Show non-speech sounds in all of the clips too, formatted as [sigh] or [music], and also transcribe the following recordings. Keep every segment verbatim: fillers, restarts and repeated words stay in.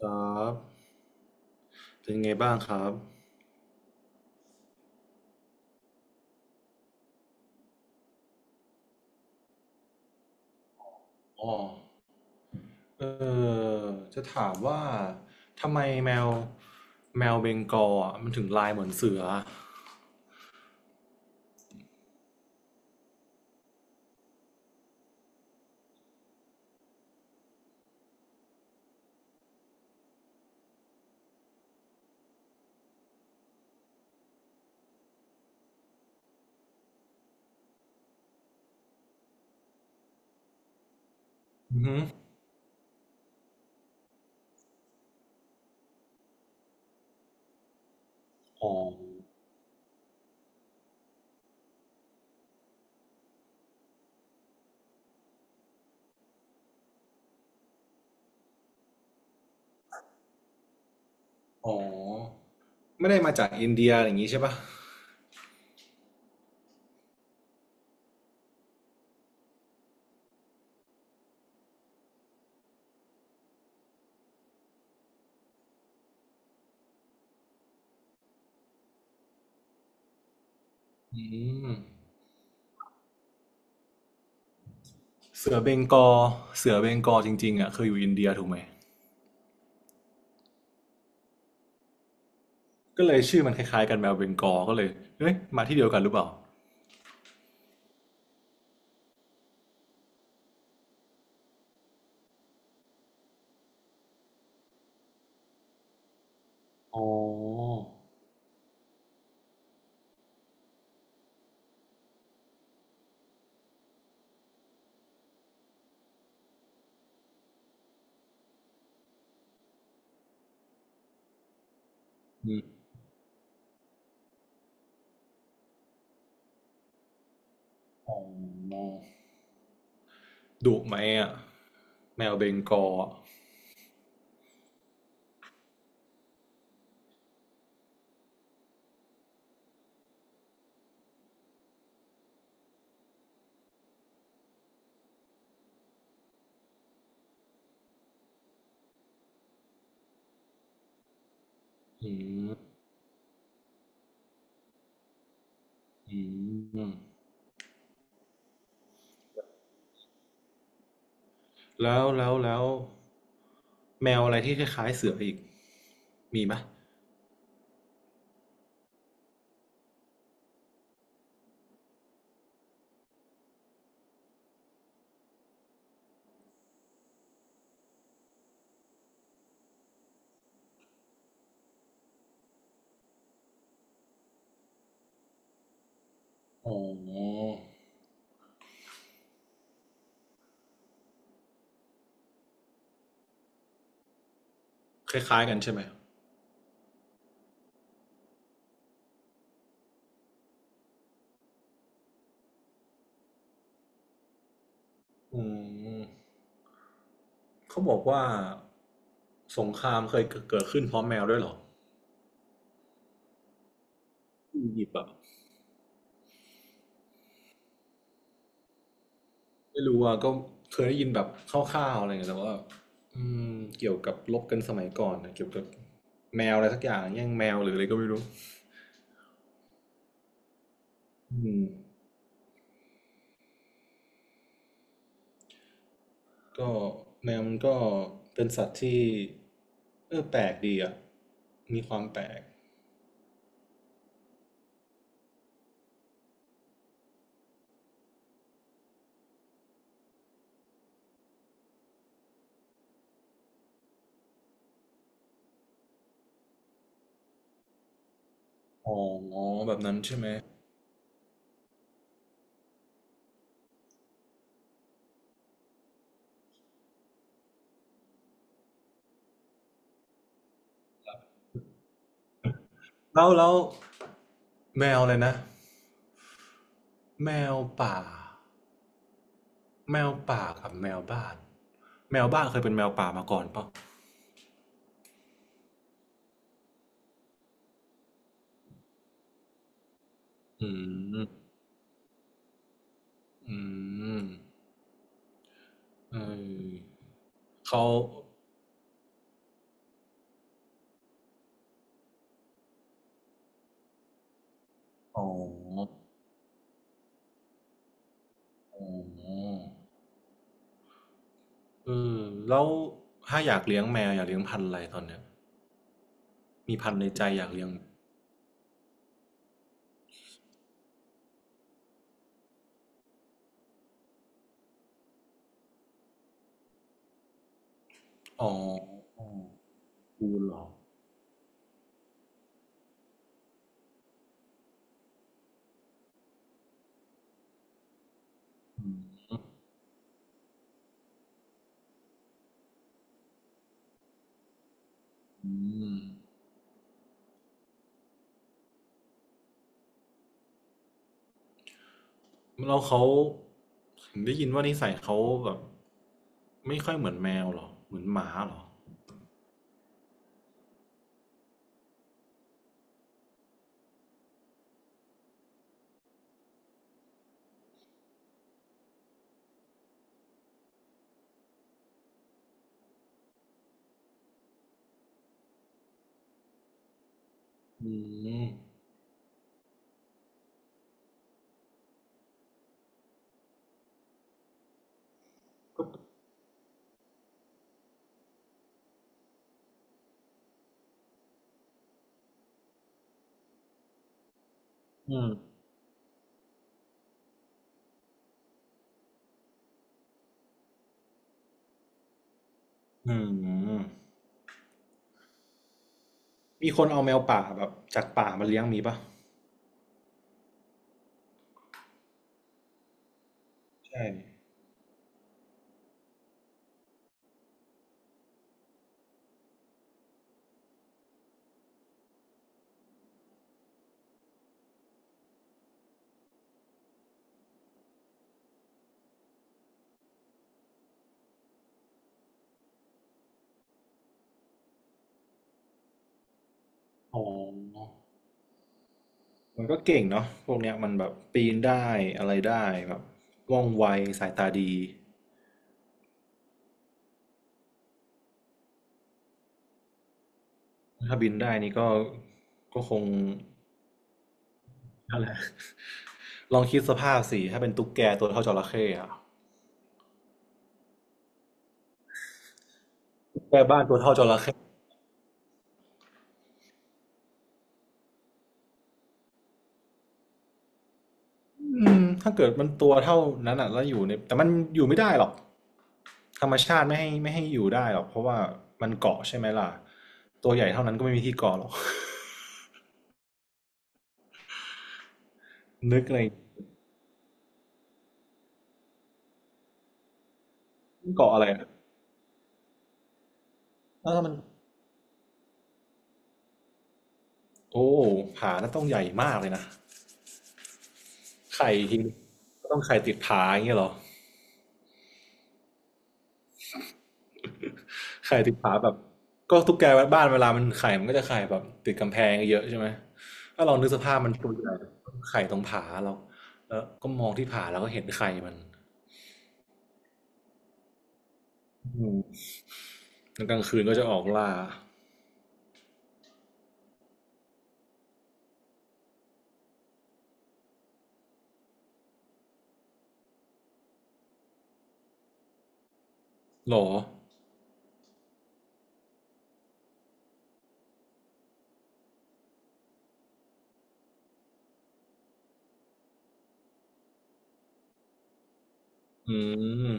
ครับเป็นไงบ้างครับอ๋อเออจะถามว่า ทำไมแมว แมวเบงกอลอ่ะมันถึงลายเหมือนเสืออือหืออ๋ออ๋อไม่ได้มาจากอินเดียอย่างนี้ใช่ปะอืมเสือเบงกอลเสือเบงกอลจริงๆอ่ะเคยอยู่อินเดียถูกไหมก็เลยชื่อมันคล้ายๆกันแมวเบงกอลก็เลยเอ้ยมาที่เดียวกันหรือเปล่าอ๋ออืมอ๋อดุไหมอ่ะแมวเบงกอลอะอืม อืมแล้วแล้วแล้วแมวอะไรที่คล้ายๆเสืออีกมีไหมอ๋อคล้ายๆกันใช่ไหมอืมเขาบอกว่าสงครามเคยเกิดขึ้นเพราะแมวด้วยเหรอที่อียิปต์อะไม่รู้อ่ะก็เคยได้ยินแบบคร่าวๆอะไรเงี้ยแต่ว่าอืมเกี่ยวกับรบกันสมัยก่อนนะเกี่ยวกับแมวอะไรสักอย่างแย่งแมวหรืออะไรก็ไม่รู้อืม ก็แมวมันก็เป็นสัตว์ที่เออแปลกดีอ่ะมีความแปลกอ๋อแบบนั้นใช่ไหมแล้วแล้วแมวเลยนะแมวป่าแมวป่ากับแมวบ้านแมวบ้านเคยเป็นแมวป่ามาก่อนปะอืมอืมเออเขาอ๋ออ๋อเออแล้วถ้าอยากเลี้ยงแมวอยากเลี้ยงพันธุ์อะไรตอนเนี้ยมีพันธุ์ในใจอยากเลี้ยง อ๋อกูเหรออืมอืมแล้วเขาเห็นได้ยินว่านิสัยเขาแบบไม่ค่อยเหมือนแมวเหรอเหมือนหมาเหรออืมอืมอืมมีคนเอาแมวป่าแบบจากป่ามาเลี้ยงมีปะใช่อ๋อมันก็เก่งเนาะพวกเนี้ยมันแบบปีนได้อะไรได้แบบว่องไวสายตาดีถ้าบินได้นี่ก็ก็คงนั่นแหละ [laughs] ลองคิดสภาพสิถ้าเป็นตุ๊กแกตัวเท่าจระเข้อะ แค่บ้านตัวเท่าจระเข้อืมถ้าเกิดมันตัวเท่านั้นอ่ะแล้วอยู่ในแต่มันอยู่ไม่ได้หรอกธรรมชาติไม่ให้ไม่ให้อยู่ได้หรอกเพราะว่ามันเกาะใช่ไหมล่ะตัวใหญ่เท่านั้นก็ไม่มีที่เกาะหรอก [laughs] นึกในเกาะอะไรอะแล้วถ้ามันโอ้ผาน่าต้องใหญ่มากเลยนะไข่ทีก็ต้องไข่ติดผาอย่างเงี้ยเหรอไข่ติดผาแบบก็ตุ๊กแกบ้านเวลามันไข่มันก็จะไข่แบบติดกำแพงเยอะใช่ไหมถ้าลองนึกสภาพมันตัวใหญ่ไข่ตรงผาเราแล้วก็มองที่ผาแล้วก็เห็นไข่มัน อืมกลางคืนก็จะออกล่าหรออืม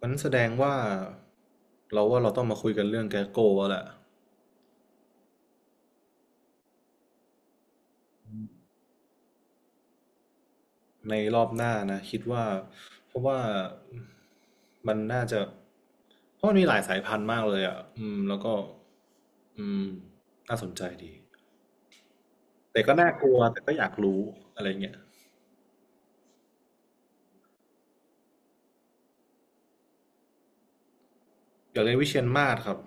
มันแสดงว่าเราว่าเราต้องมาคุยกันเรื่องแกโก้แล้วแหละในรอบหน้านะคิดว่าเพราะว่ามันน่าจะเพราะมันมีหลายสายพันธุ์มากเลยอ่ะอืมแล้วก็อืมน่าสนใจดีแต่ก็น่ากลัวแต่ก็อยากรู้อะไรเงี้ยอยากเรียนวิเชียรมาศครับ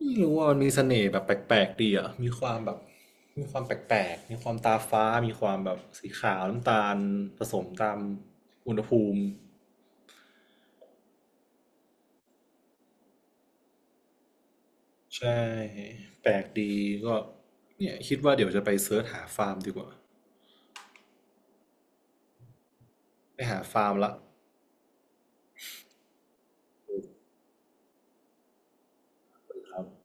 ไม่รู้ว่ามันมีเสน่ห์แบบแปลกๆดีอ่ะมีความแบบ มีความแปลกๆ มีความตาฟ้า มีความแบบสีขาวน้ำตาลผสมตามอุณหภูมิใช่แปลกดีก็เนี่ยคิดว่าเดี๋ยวจะไปเสิร์ชหาฟาร์มดีกว่าไปหาฟาร์มละครับ